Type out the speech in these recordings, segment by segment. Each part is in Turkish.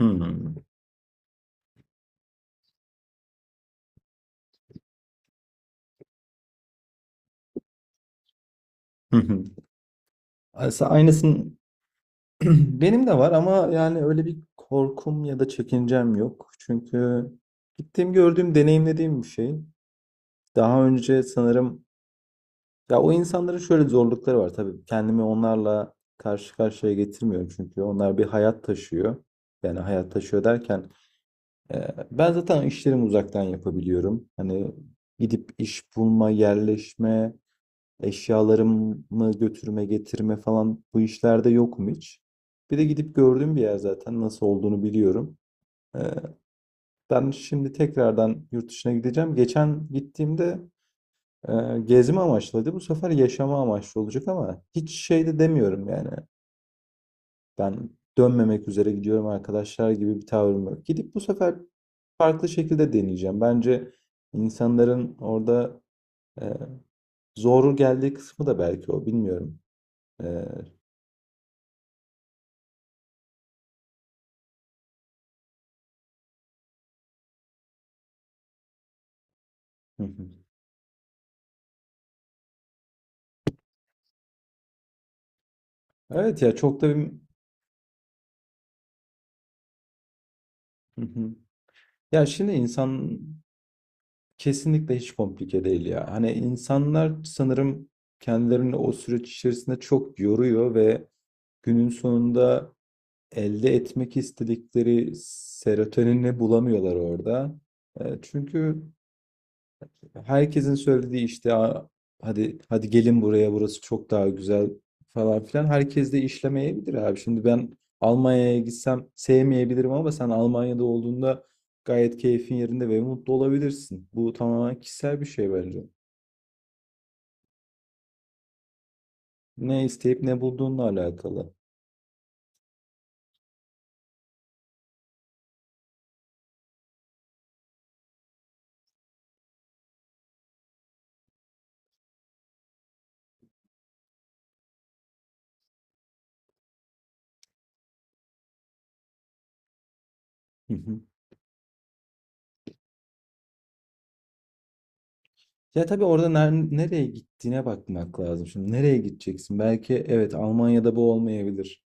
Hımm. Hı hı. Aslında aynısın. Benim de var ama yani öyle bir korkum ya da çekincem yok. Çünkü gittiğim, gördüğüm, deneyimlediğim bir şey. Daha önce sanırım ya o insanların şöyle zorlukları var tabii. Kendimi onlarla karşı karşıya getirmiyorum çünkü onlar bir hayat taşıyor. Yani hayat taşıyor derken, ben zaten işlerimi uzaktan yapabiliyorum. Hani gidip iş bulma, yerleşme, eşyalarımı götürme, getirme falan bu işlerde yokum hiç. Bir de gidip gördüğüm bir yer zaten nasıl olduğunu biliyorum. Ee, Ben şimdi tekrardan yurt dışına gideceğim. Geçen gittiğimde e, gezme amaçlıydı. Bu sefer yaşama amaçlı olacak ama hiç şey de demiyorum yani. Ben dönmemek üzere gidiyorum arkadaşlar gibi bir tavrım yok. Gidip bu sefer farklı şekilde deneyeceğim. Bence insanların orada e, zor geldiği kısmı da belki o bilmiyorum. E, Evet ya çok da bir... Hı hı. Ya şimdi insan kesinlikle hiç komplike değil ya. Hani insanlar sanırım kendilerini o süreç içerisinde çok yoruyor ve günün sonunda elde etmek istedikleri serotonini bulamıyorlar orada. Çünkü herkesin söylediği işte: "Aa, hadi hadi gelin buraya, burası çok daha güzel falan filan." Herkes de işlemeyebilir abi. Şimdi ben Almanya'ya gitsem sevmeyebilirim ama sen Almanya'da olduğunda gayet keyfin yerinde ve mutlu olabilirsin. Bu tamamen kişisel bir şey bence. Ne isteyip ne bulduğunla alakalı. Ya tabii orada nereye gittiğine bakmak lazım. Şimdi nereye gideceksin? Belki evet Almanya'da bu olmayabilir.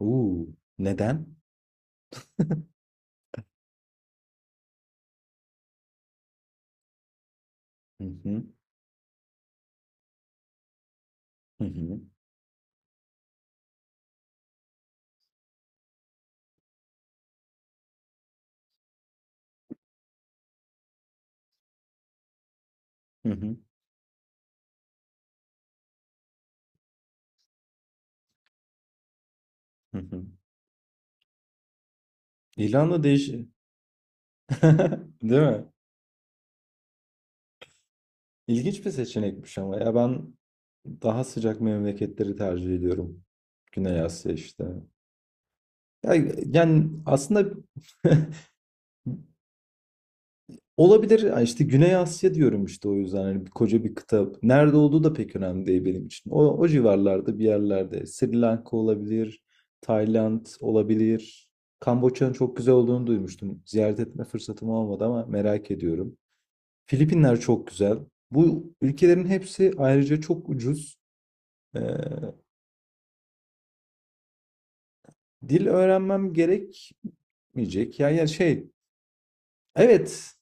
Uuu, neden? Hı hı, hı hı, hı hı. Hı hı. İrlanda Değil mi? İlginç bir seçenekmiş ama ya ben daha sıcak memleketleri tercih ediyorum. Güney Asya işte. Ya- Yani aslında olabilir. Ya işte Güney Asya diyorum işte o yüzden hani koca bir kıta. Nerede olduğu da pek önemli değil benim için. O, o civarlarda bir yerlerde. Sri Lanka olabilir, Tayland olabilir. Kamboçya'nın çok güzel olduğunu duymuştum. Ziyaret etme fırsatım olmadı ama merak ediyorum. Filipinler çok güzel. Bu ülkelerin hepsi ayrıca çok ucuz. Ee, dil öğrenmem gerekmeyecek. Yani, yani şey, evet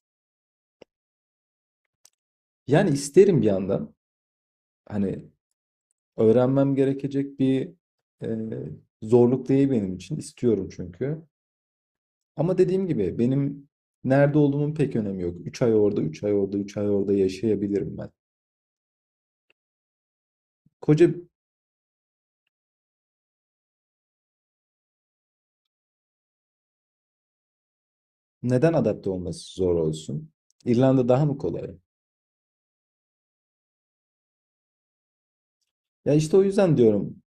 yani isterim bir yandan. Hani öğrenmem gerekecek bir e, zorluk değil benim için. İstiyorum çünkü. Ama dediğim gibi benim nerede olduğumun pek önemi yok. 3 ay orada, 3 ay orada, 3 ay orada yaşayabilirim ben. Koca Neden adapte olması zor olsun? İrlanda daha mı kolay? Ya işte o yüzden diyorum.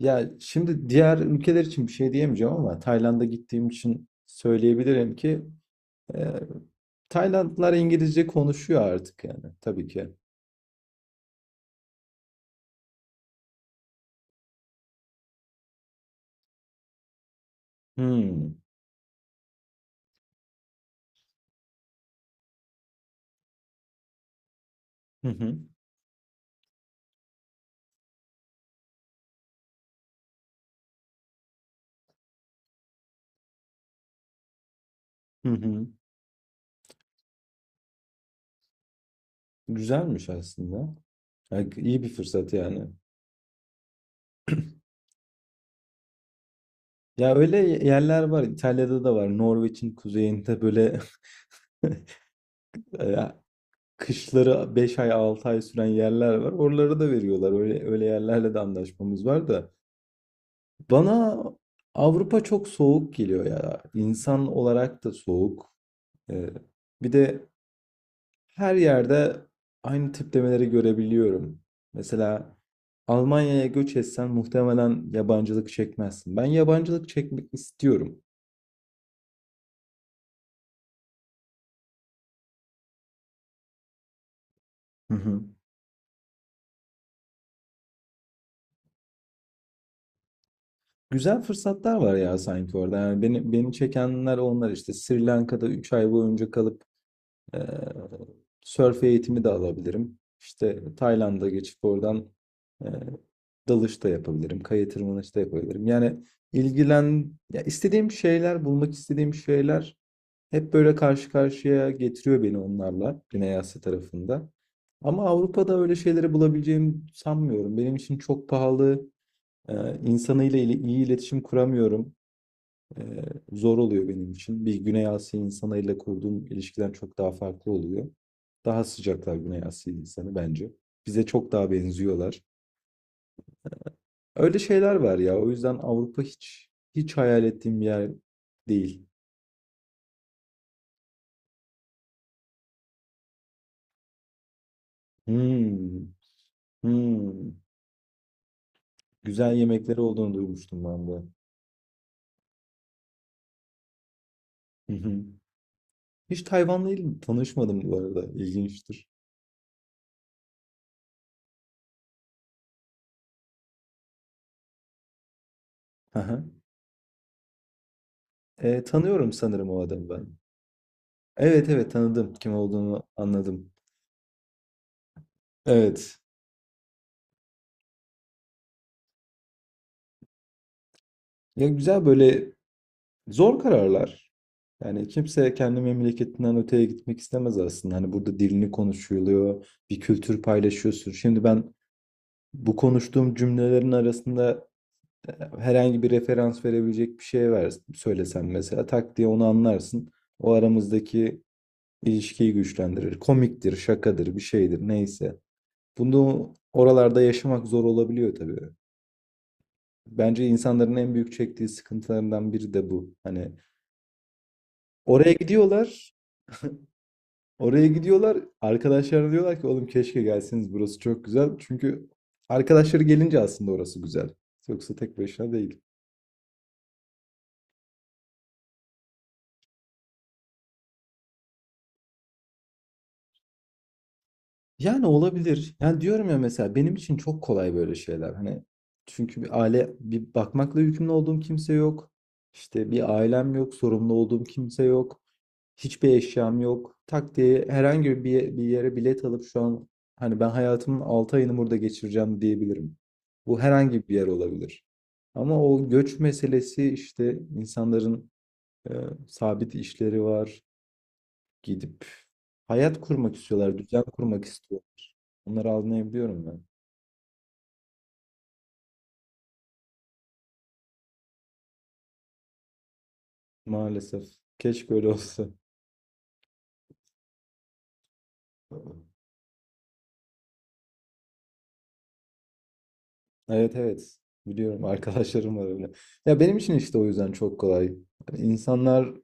Ya şimdi diğer ülkeler için bir şey diyemeyeceğim ama Tayland'a gittiğim için söyleyebilirim ki e, Taylandlılar İngilizce konuşuyor artık yani tabii ki. Hmm. Hı hı. Hı hı. Güzelmiş aslında. Yani iyi bir fırsat yani. Ya öyle yerler var. İtalya'da da var. Norveç'in kuzeyinde böyle ya kışları 5 ay 6 ay süren yerler var. Oraları da veriyorlar. Öyle öyle yerlerle de anlaşmamız var da. Bana Avrupa çok soğuk geliyor ya. İnsan olarak da soğuk. Ee, bir de her yerde aynı tiplemeleri görebiliyorum. Mesela Almanya'ya göç etsen muhtemelen yabancılık çekmezsin. Ben yabancılık çekmek istiyorum. Hı hı. Güzel fırsatlar var ya sanki orada. Yani beni, beni çekenler onlar işte. Sri Lanka'da 3 ay boyunca kalıp eee sörf eğitimi de alabilirim. İşte Tayland'a geçip oradan eee dalış da yapabilirim. Kaya tırmanış da yapabilirim. Yani ya istediğim şeyler, bulmak istediğim şeyler hep böyle karşı karşıya getiriyor beni onlarla Güney Asya tarafında. Ama Avrupa'da öyle şeyleri bulabileceğimi sanmıyorum. Benim için çok pahalı. İnsanıyla ile iyi iletişim kuramıyorum. Ee, zor oluyor benim için. Bir Güney Asya insanıyla kurduğum ilişkiden çok daha farklı oluyor. Daha sıcaklar Güney Asya insanı bence. Bize çok daha benziyorlar. Öyle şeyler var ya. O yüzden Avrupa hiç hiç hayal ettiğim bir yer değil. Hmm, hmm. Güzel yemekleri olduğunu duymuştum ben de. Hı hı. Hiç Tayvanlı tanışmadım bu arada. İlginçtir. Hı hı. Tanıyorum sanırım o adamı ben. Evet evet, tanıdım. Kim olduğunu anladım. Evet. Ya güzel böyle zor kararlar. Yani kimse kendi memleketinden öteye gitmek istemez aslında. Hani burada dilini konuşuluyor, bir kültür paylaşıyorsun. Şimdi ben bu konuştuğum cümlelerin arasında herhangi bir referans verebilecek bir şey ver, söylesen mesela tak diye onu anlarsın. O aramızdaki ilişkiyi güçlendirir. Komiktir, şakadır, bir şeydir neyse. Bunu oralarda yaşamak zor olabiliyor tabii. Bence insanların en büyük çektiği sıkıntılarından biri de bu. Hani oraya gidiyorlar, oraya gidiyorlar. Arkadaşlar diyorlar ki oğlum keşke gelseniz, burası çok güzel. Çünkü arkadaşları gelince aslında orası güzel. Yoksa tek başına değil. Yani olabilir. Yani diyorum ya, mesela benim için çok kolay böyle şeyler. Hani çünkü bir aile, bir bakmakla yükümlü olduğum kimse yok. İşte bir ailem yok, sorumlu olduğum kimse yok. Hiçbir eşyam yok. Tak diye herhangi bir, bir yere bilet alıp şu an hani ben hayatımın 6 ayını burada geçireceğim diyebilirim. Bu herhangi bir yer olabilir. Ama o göç meselesi işte, insanların e, sabit işleri var. Gidip hayat kurmak istiyorlar, düzen kurmak. Onları anlayabiliyorum ben. Maalesef. Keşke öyle olsa. Evet evet. Biliyorum, arkadaşlarım var öyle. Ya benim için işte o yüzden çok kolay. Hani insanları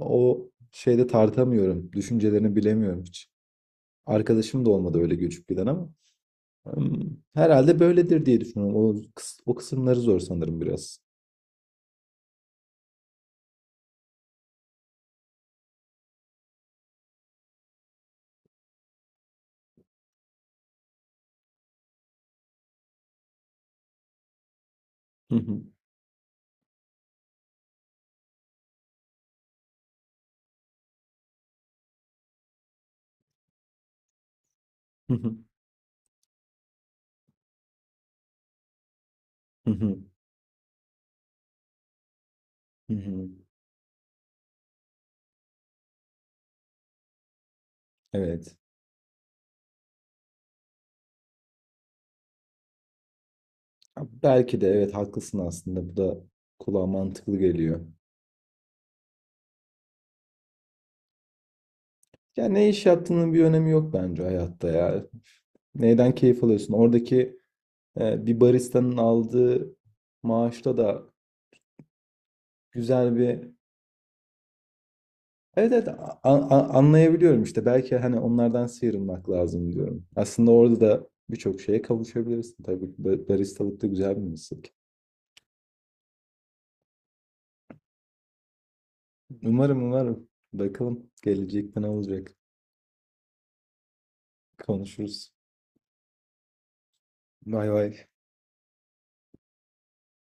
o şeyde tartamıyorum. Düşüncelerini bilemiyorum hiç. Arkadaşım da olmadı öyle göçüp giden ama. Herhalde böyledir diye düşünüyorum. O, o kısımları zor sanırım biraz. Hı hı, hı hı, hı hı, hı hı. Evet. Ya belki de evet haklısın aslında. Bu da kulağa mantıklı geliyor. Ya ne iş yaptığının bir önemi yok bence hayatta ya. Neyden keyif alıyorsun? Oradaki bir baristanın aldığı maaşta da güzel bir... Evet evet, anlayabiliyorum işte. Belki hani onlardan sıyrılmak lazım diyorum. Aslında orada da birçok şeye kavuşabilirsin tabii. Baristalık da güzel bir meslek. Umarım, umarım. Bakalım gelecekte ne olacak. Konuşuruz. Vay vay.